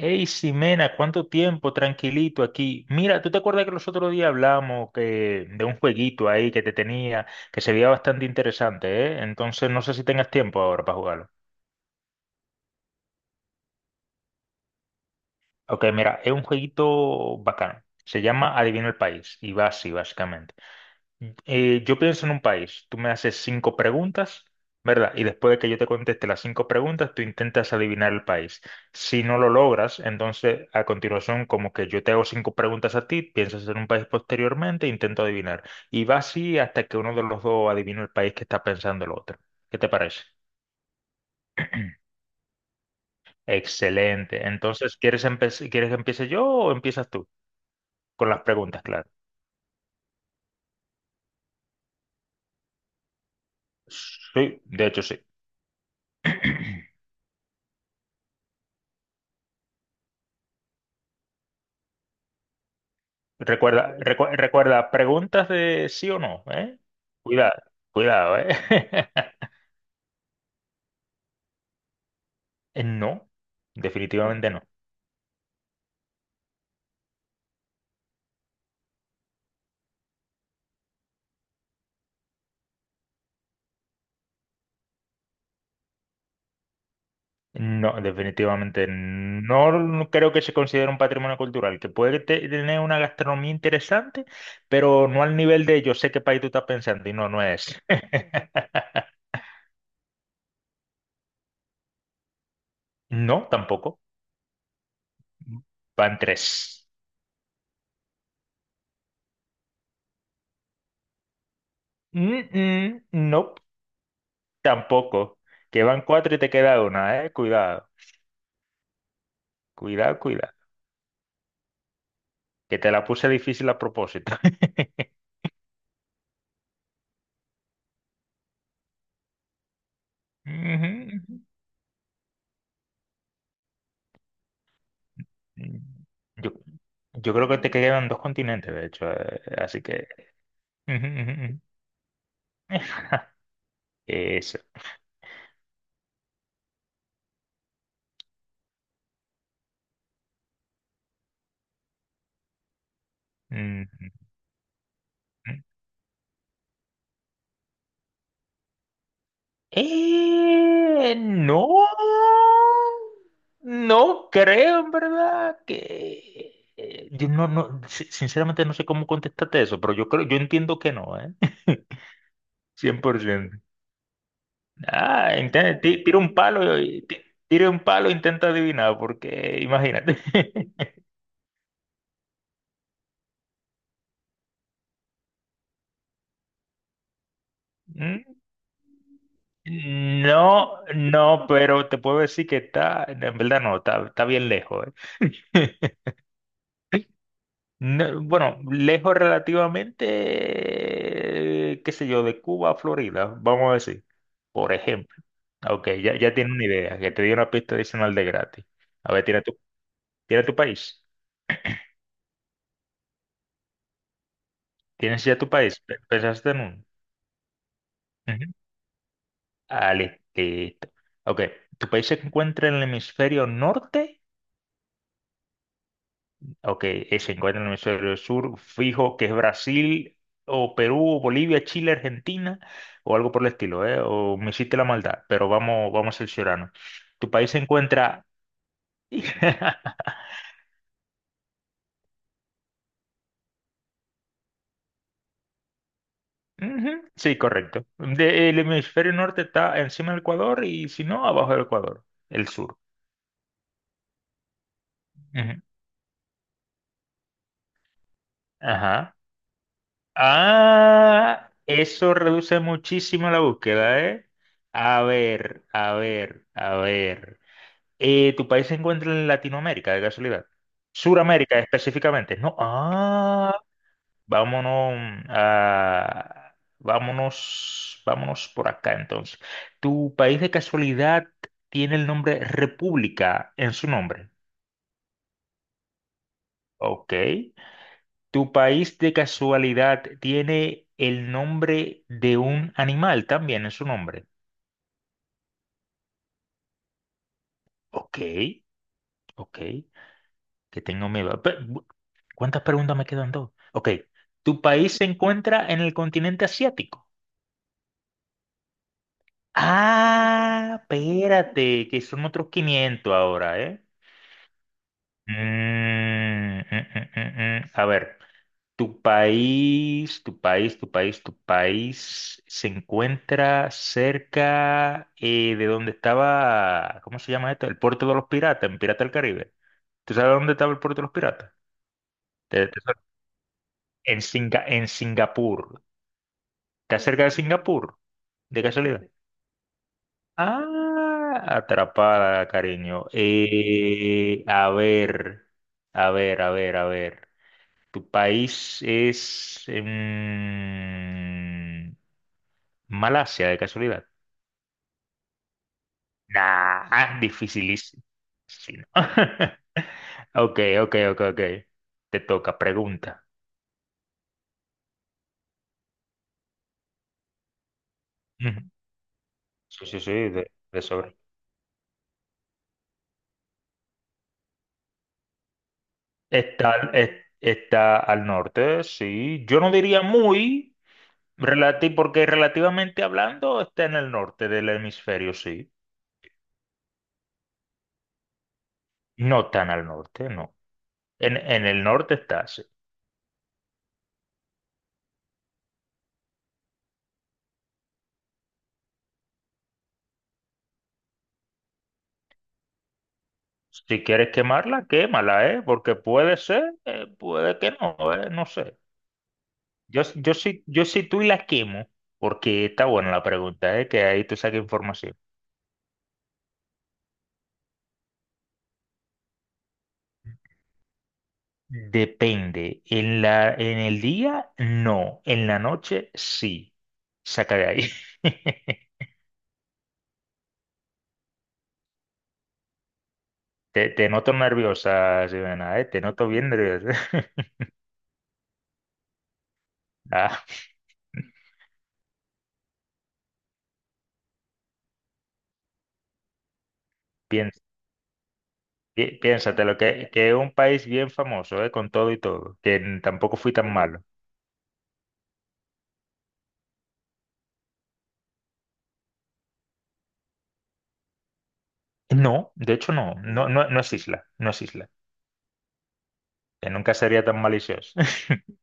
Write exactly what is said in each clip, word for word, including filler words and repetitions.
Hey, Ximena, ¿cuánto tiempo? Tranquilito aquí. Mira, ¿tú te acuerdas que los otros días hablamos que, de un jueguito ahí que te tenía, que se veía bastante interesante, ¿eh? Entonces no sé si tengas tiempo ahora para jugarlo. Ok, mira, es un jueguito bacano. Se llama Adivina el país y va así, básicamente. Eh, yo pienso en un país, tú me haces cinco preguntas, ¿verdad? Y después de que yo te conteste las cinco preguntas, tú intentas adivinar el país. Si no lo logras, entonces a continuación, como que yo te hago cinco preguntas a ti, piensas en un país posteriormente, e intento adivinar. Y va así hasta que uno de los dos adivina el país que está pensando el otro. ¿Qué te parece? Excelente. Entonces, ¿quieres empe- ¿quieres que empiece yo o empiezas tú? Con las preguntas, claro. Sí, de hecho sí. Recuerda, vale. Recu- recuerda, preguntas de sí o no, ¿eh? Cuidado, cuidado, ¿eh? Eh, no, definitivamente no. No, definitivamente no creo que se considere un patrimonio cultural, que puede te- tener una gastronomía interesante, pero no al nivel de yo sé qué país tú estás pensando y no, no es. No, tampoco. Van tres. No, nope, tampoco. Que van cuatro y te queda una, ¿eh? Cuidado, cuidado, cuidado. Que te la puse difícil a propósito. Ujú, ujú. Mm, Yo, yo creo que te quedan dos continentes, de hecho, eh, así que... Ujú, ujú, ujú. Eso. Mm, mm. Eh, no, no creo en verdad que eh, yo no, no, si- sinceramente no sé cómo contestarte eso, pero yo creo, yo entiendo que no, ¿eh? cien por ciento. Ah, inte- ti- tira un palo y ti- tira un palo e intenta adivinar, porque imagínate. Mm, no, no, pero te puedo decir que está, en verdad no, está, está bien lejos. Eh. No, bueno, lejos relativamente, eh, qué sé yo, de Cuba a Florida, vamos a decir, por ejemplo. Ok, ya, ya tienes una idea, que te di una pista adicional de gratis. A ver, tira tu, tira tu país. ¿Tienes ya tu país? Pe- ¿Pensaste en uno? Ah, li- listo. Ok, tu país se encuentra en el hemisferio norte. Ok, eh, se encuentra en el hemisferio sur. Fijo que es Brasil o Perú o Bolivia, Chile, Argentina o algo por el estilo, ¿eh? O me hiciste la maldad, pero vamos, vamos a cerciorarnos. Tu país se encuentra... Ujú, sí, correcto. De- el hemisferio norte está encima del Ecuador y si no, abajo del Ecuador, el sur. Ujú. Ajá. Ah, eso reduce muchísimo la búsqueda, ¿eh? A ver, a ver, a ver. Eh, ¿tu país se encuentra en Latinoamérica, de casualidad? Suramérica específicamente. No, ah, vámonos a... Vámonos, vámonos por acá entonces. ¿Tu país de casualidad tiene el nombre República en su nombre? Ok. ¿Tu país de casualidad tiene el nombre de un animal también en su nombre? Ok, ok, que tengo miedo. Pe- bu- ¿Cuántas preguntas me quedan dos? Ok, ¿tu país se encuentra en el continente asiático? Ah, espérate, que son otros quinientos ahora, ¿eh? Mm, mm, mm, mm, mm. A ver. Tu país, tu país, tu país, tu país se encuentra cerca eh, de donde estaba, ¿cómo se llama esto? El puerto de los piratas, en Pirata del Caribe. ¿Tú sabes dónde estaba el puerto de los piratas? Te- te en Singa- en Singapur. ¿Está cerca de Singapur? ¿De casualidad? Ah, atrapada, cariño. Eh, a ver, a ver, a ver, a ver. ¿Tu país es... em, Malasia, de casualidad. Nah, dificilísimo. Sí, no. Ok, ok, ok, ok. Te toca, pregunta. Ujú. Sí, sí, sí, de, de sobre. Está, al- es- está al norte, sí. Yo no diría muy, relati- porque relativamente hablando está en el norte del hemisferio, sí. No tan al norte, no. En, en el norte está, sí. Si quieres quemarla, quémala, ¿eh? Porque puede ser, eh, puede que no, ¿eh? No sé. Yo, s- yo sí, yo sí tú y la quemo, porque está buena la pregunta, ¿eh? Que ahí tú saques información. Depende. En la, en el día, no. En la noche, sí. Saca de ahí. Te, te noto nerviosa, Ximena, ¿eh? Te noto bien nerviosa. Ah, piens- pi- piénsatelo, que, que es un país bien famoso, ¿eh? Con todo y todo, que n- tampoco fui tan malo. No, de hecho no, no, no, no es isla, no es isla, que nunca sería tan malicioso.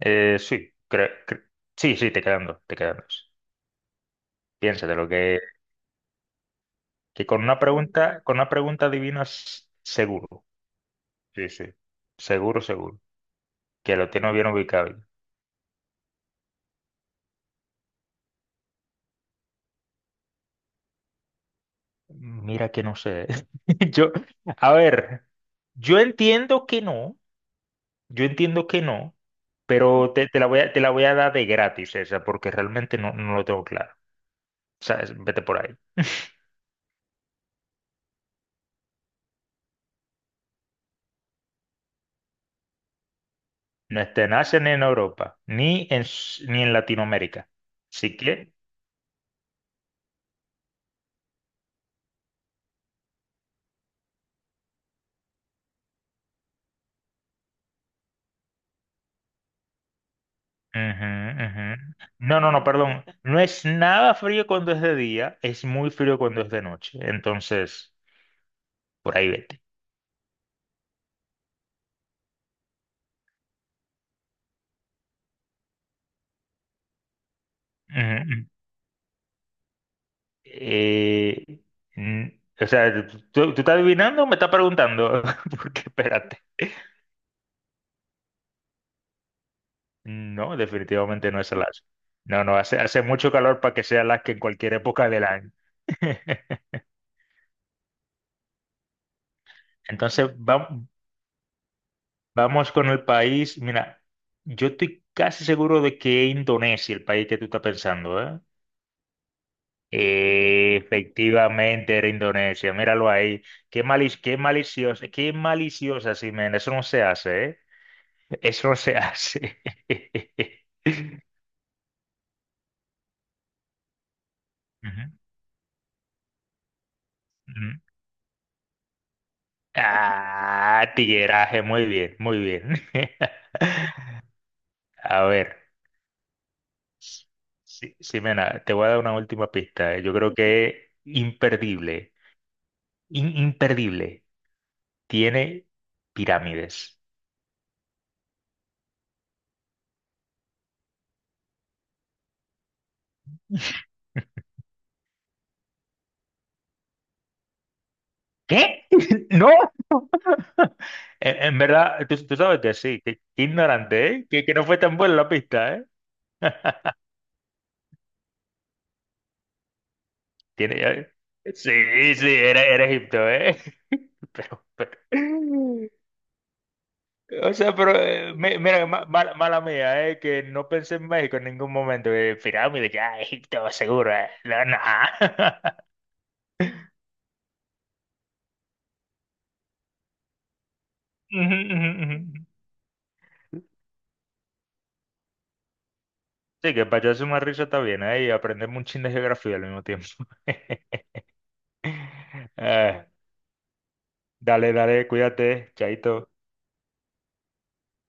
Eh, sí, cre- cre- sí, sí, te quedan dos, te quedan dos. Piénsate lo que, que con una pregunta, con una pregunta adivinas seguro. Sí, sí. Seguro, seguro. Que lo tienes bien ubicado. Mira que no sé. Yo, a ver, yo entiendo que no, yo entiendo que no, pero te, te la voy a, te la voy a dar de gratis esa, porque realmente no, no lo tengo claro. O sea, es- vete por ahí. No te nacen en Europa, ni en, S- ni en Latinoamérica. Así que. Ujú, ujú. No, no, no, perdón. No es nada frío cuando es de día, es muy frío cuando es de noche. Entonces, por ahí vete. Ujú, Eh, mm, o sea, ¿tú, tú estás adivinando o me estás preguntando? Porque espérate. No, definitivamente no es Alaska. No, no, hace, hace mucho calor para que sea Alaska en cualquier época del año. Entonces, va- vamos con el país. Mira, yo estoy casi seguro de que es Indonesia, el país que tú estás pensando, ¿eh? Efectivamente, era Indonesia, míralo ahí. Qué mali- qué maliciosa, qué maliciosa, Ximena. Eso no se hace, ¿eh? Eso no se hace. Ujú, ujú. Ah, tigueraje, muy bien, muy bien. A ver, Si- Ximena, te voy a dar una última pista. Eh. Yo creo que es imperdible, in- imperdible. Tiene pirámides. ¿Qué? ¿No? En, en verdad, tú, tú sabes que sí, que qué ignorante, ¿eh? Que, que no fue tan buena la pista, ¿eh? Tiene, ya- sí, sí, era, era Egipto, ¿eh? Pero, pero- O sea, pero, eh, mi- mira, ma- mala, mala mía, ¿eh? Que no pensé en México en ningún momento. Eh, pirámide, ya, Egipto, seguro, ¿eh? No, no. Ujú, ujú, ujú. Sí, que para echarse una risa está bien, ¿eh? Y aprender un chin de geografía al mismo tiempo. Ah, dale, dale, cuídate, chaito.